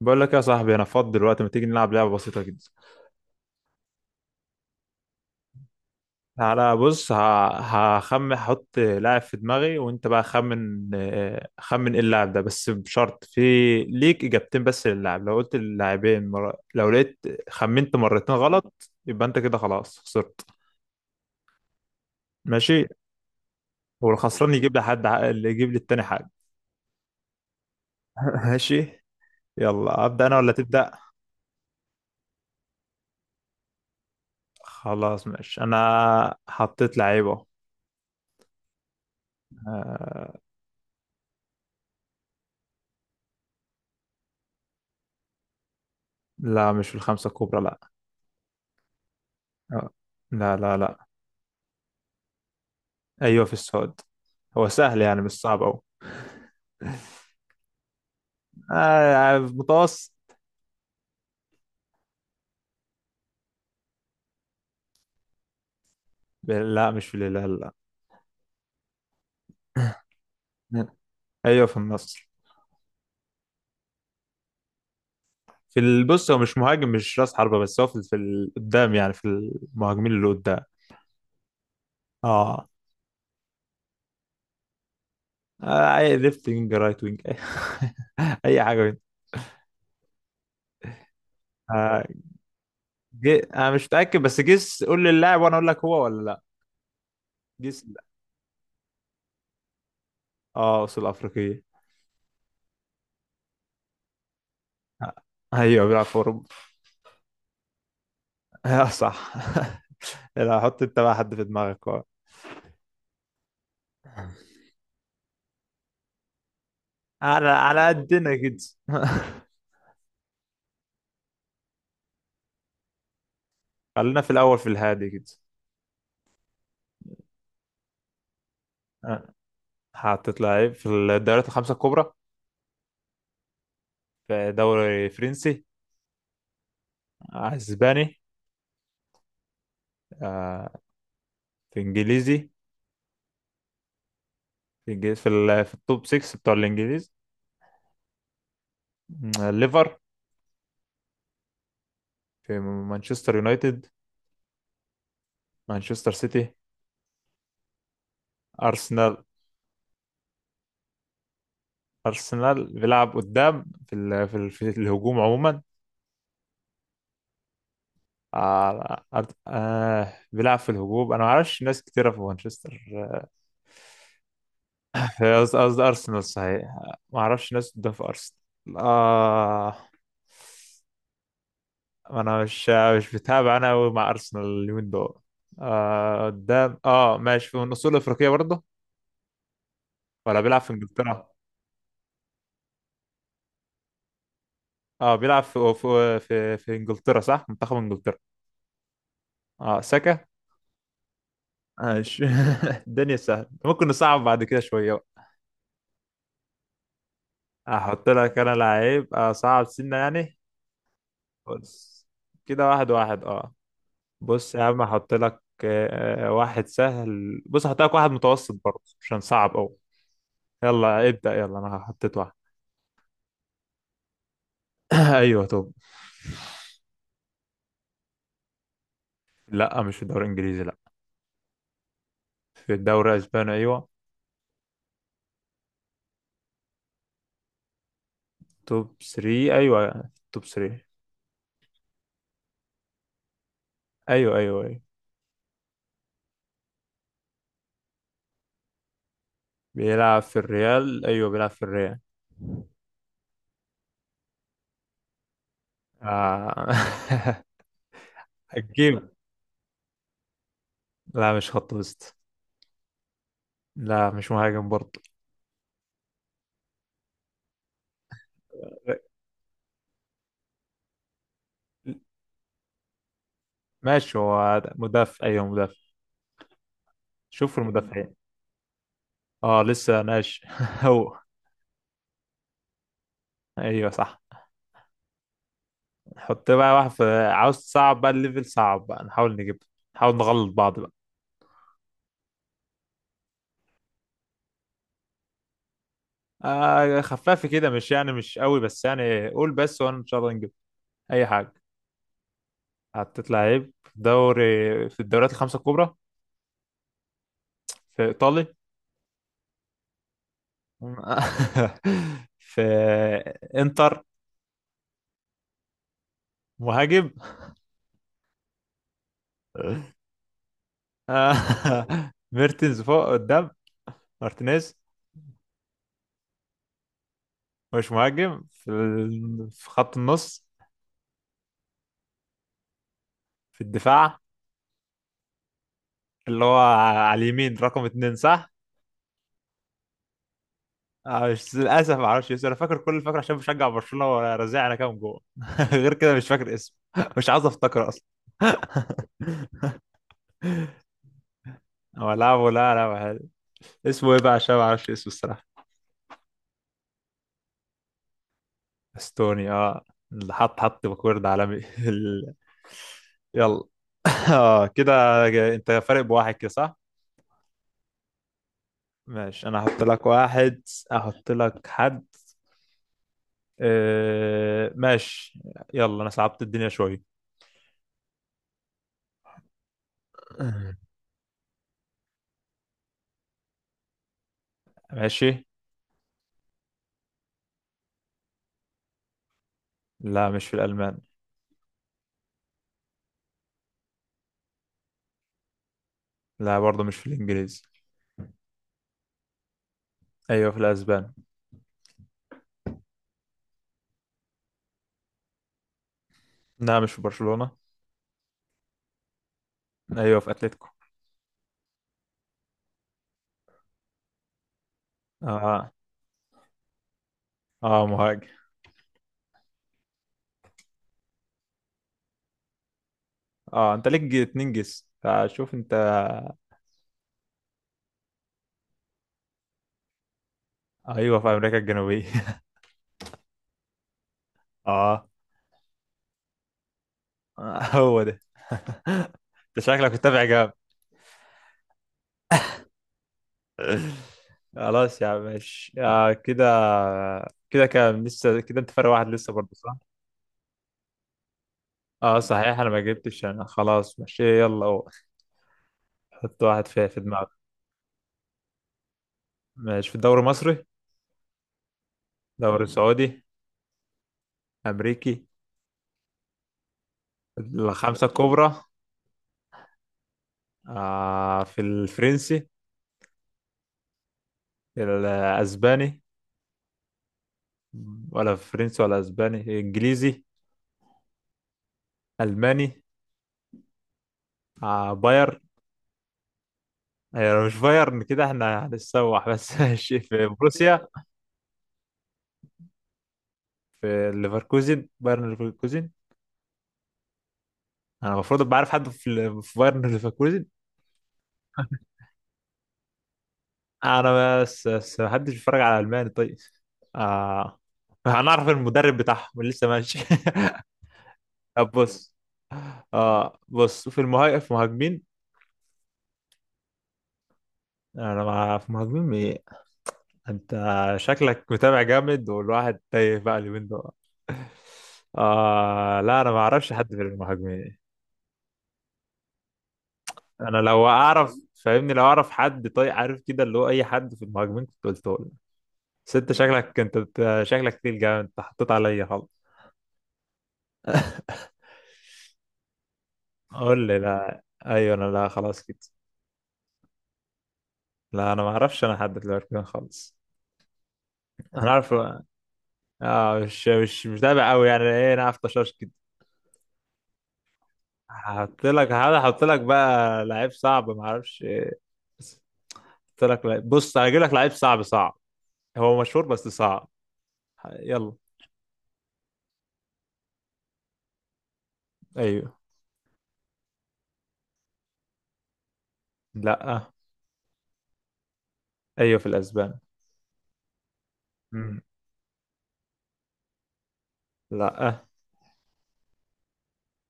بقول لك يا صاحبي انا فاضي دلوقتي. ما تيجي نلعب لعبه بسيطه جدا. تعالى بص هخمن. هحط لاعب في دماغي وانت بقى خمن. خمن ايه اللاعب ده، بس بشرط في ليك اجابتين بس للاعب. لو قلت اللاعبين لو لقيت خمنت مرتين غلط يبقى انت كده خلاص خسرت. ماشي. والخسران يجيب اللي يجيب للتاني حاجه. ماشي. يلا ابدا انا ولا تبدا؟ خلاص ماشي، انا حطيت لعيبه. آه، لا مش في الخمسه الكبرى لا. آه، لا لا لا. ايوه في السعود. هو سهل يعني، مش صعب أوي. آه متوسط. لا مش في الهلال لا. ايوه في النصر. في البص هو مش مهاجم، مش راس حربة، بس هو قدام يعني، في المهاجمين اللي قدام. اه. اي ليفت وينج رايت وينج اي. أي حاجه منهم. آه. انا مش متاكد، بس جيس، قول لي اللاعب وانا اقول لك هو ولا لا. جيس لا. اه اصول افريقيه. آه، ايوه بيلعب في اوروبا. آه صح. لا، حط انت بقى حد في دماغك. آه. على على قدنا كده. خلينا في الأول في الهادي كده. آه، حطيت لعيب في الدوريات الخمسة الكبرى. في دوري فرنسي. أسباني. آه، في إنجليزي. في الج- في, ال- في التوب 6 بتوع الإنجليز. ليفر. في مانشستر يونايتد. مانشستر سيتي. أرسنال. أرسنال بيلعب قدام في الهجوم عموما. بيلعب في الهجوم. أنا ما أعرفش ناس كتيرة في مانشستر. هي قصدي أرسنال صحيح. ما أعرفش ناس قدام في أرسنال. آه. أنا مش بتابع أنا أوي مع أرسنال اليومين دول. آه قدام آه، ماشي، في من أصول أفريقية برضه؟ ولا بيلعب في إنجلترا؟ آه بيلعب في إنجلترا، صح، منتخب إنجلترا. آه ساكا. ماشي. الدنيا سهلة، ممكن نصعب بعد كده شوية بقى. أحط لك أنا لعيب أصعب سنة يعني. بص كده واحد واحد آه. بص يا عم هحط لك واحد سهل، بص هحط لك واحد متوسط برضه عشان صعب قوي. يلا ابدأ، يلا انا حطيت واحد. ايوه توب. لا مش في الدوري الانجليزي لا. في الدوري الاسباني ايوه. توب 3. ايوه توب 3. ايوه ايوه ايوه. بيلعب في الريال. ايوه بيلعب في الريال. آه. هتجيب. لا مش خط وسط. لا مش مهاجم برضه. ماشي هو مدافع، ايوه مدافع. شوف المدافعين. اه لسه ناش. هو ايوه صح. نحط بقى واحد في، عاوز صعب بقى، الليفل صعب بقى، نحاول نجيب، نحاول نغلط بعض بقى. آه خفافي كده، مش يعني مش قوي، بس يعني قول بس وانا ان شاء الله نجيب اي حاجه. حطيت لعيب في دوري، في الدوريات الخمسه الكبرى. في ايطالي. في انتر. مهاجم. آه. ميرتنز فوق قدام. مارتينيز. مش مهاجم في خط النص. في الدفاع. اللي هو على اليمين رقم اتنين صح؟ مش للاسف ما اعرفش اسمه. انا فاكر كل الفاكر عشان بشجع برشلونه ورزع انا كام جول. غير كده مش فاكر اسمه. مش عايز افتكر اصلا. هو لعبه لا، لا حلو. اسمه ايه بقى عشان ما اعرفش اسمه الصراحه. استوني اه. اللي حط باكورد عالمي. ال- يلا. اه كده. انت فارق بواحد كده صح؟ ماشي انا هحط لك واحد. احط لك حد. آه ماشي. يلا انا صعبت الدنيا شويه. ماشي. لا مش في الالمان. لا برضه مش في الانجليزي. ايوه في الاسبان. لا مش في برشلونة. ايوه في اتلتيكو. اه. اه مهاجم. اه انت ليك اتنين جس، فشوف انت. ايوه في امريكا الجنوبية. اه. هو ده. انت شكلك متابع جامد. خلاص يا عم ماشي، آه كده. كده كام لسه كده، انت فرق واحد لسه برضه صح؟ اه صحيح انا ما جبتش. انا خلاص ماشي يلا هو. حط واحد في دماغك. ماشي. في الدوري المصري. دوري سعودي. امريكي. الخمسة الكبرى. آه في الفرنسي. الأسباني. ولا فرنسي ولا أسباني، إنجليزي. ألماني. آه باير. آه يعني مش بايرن كده احنا هنتسوح بس. ماشي في بروسيا. في ليفركوزن، بايرن ليفركوزن. أنا المفروض أبقى عارف حد في بايرن. ليفركوزن. أنا بس محدش بيتفرج على ألماني. طيب آه هنعرف المدرب بتاعهم اللي لسه ماشي. طب بص. اه بص في المهاجم، في المهاجمين. انا مع في مهاجمين ايه. انت شكلك متابع جامد والواحد تايه بقى اليومين دول. آه لا انا ما اعرفش حد في المهاجمين. انا لو اعرف فاهمني، لو اعرف حد طيب عارف كده اللي هو اي حد في المهاجمين كنت قلته لك. بس انت شكلك، انت شكلك تقيل جامد، انت حطيت عليا خالص. قول لي. لا ايوه انا لا خلاص كده. لا انا ما اعرفش انا حد في الاركان خالص. انا عارف. اه مش متابع قوي يعني، ايه انا عارف طشاش. هحط لك، هحاول احط لك بقى لعيب صعب ما اعرفش ايه، بس هحط لك لعيب. بص هجيب لك لعيب صعب صعب، هو مشهور بس صعب. يلا. ايوه. لا ايوه في الاسبان. مم. لا.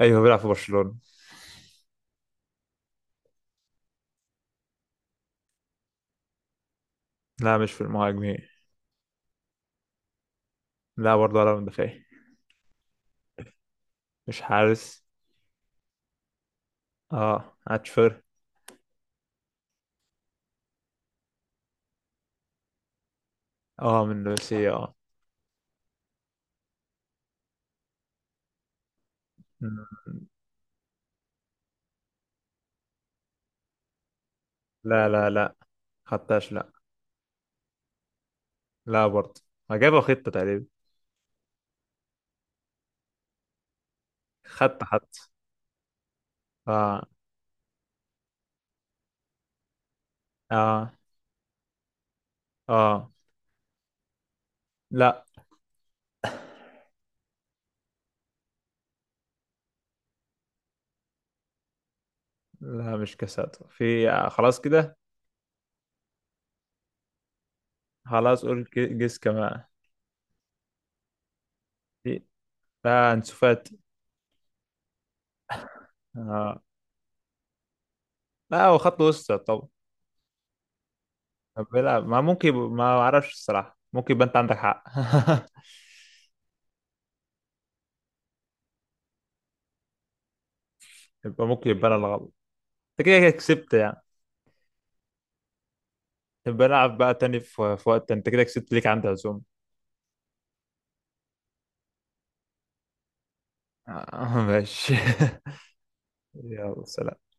ايوه بيلعب في برشلونة. لا مش في المهاجمين. لا برضه ولا مدافع. مش حارس. اه اتشفر. اه من روسيا اه. مم. لا لا لا. خدتهاش لا. لا برضه، ما جابها خطة تقريبا. خدت حط. اه. اه. اه. لا. لا مش كساد في، خلاص كده. خلاص قول جس كمان. في. لا انسوفات. آه. لا هو خط وسط. طب طب بيلعب ما ممكن، ما اعرفش الصراحة، ممكن يبقى انت عندك حق. يبقى ممكن، يبقى انا الغلط، انت كده كده كسبت يعني. طب بلعب بقى تاني في في وقت، انت كده كسبت، ليك عندي عزوم. ماشي. يلا سلام.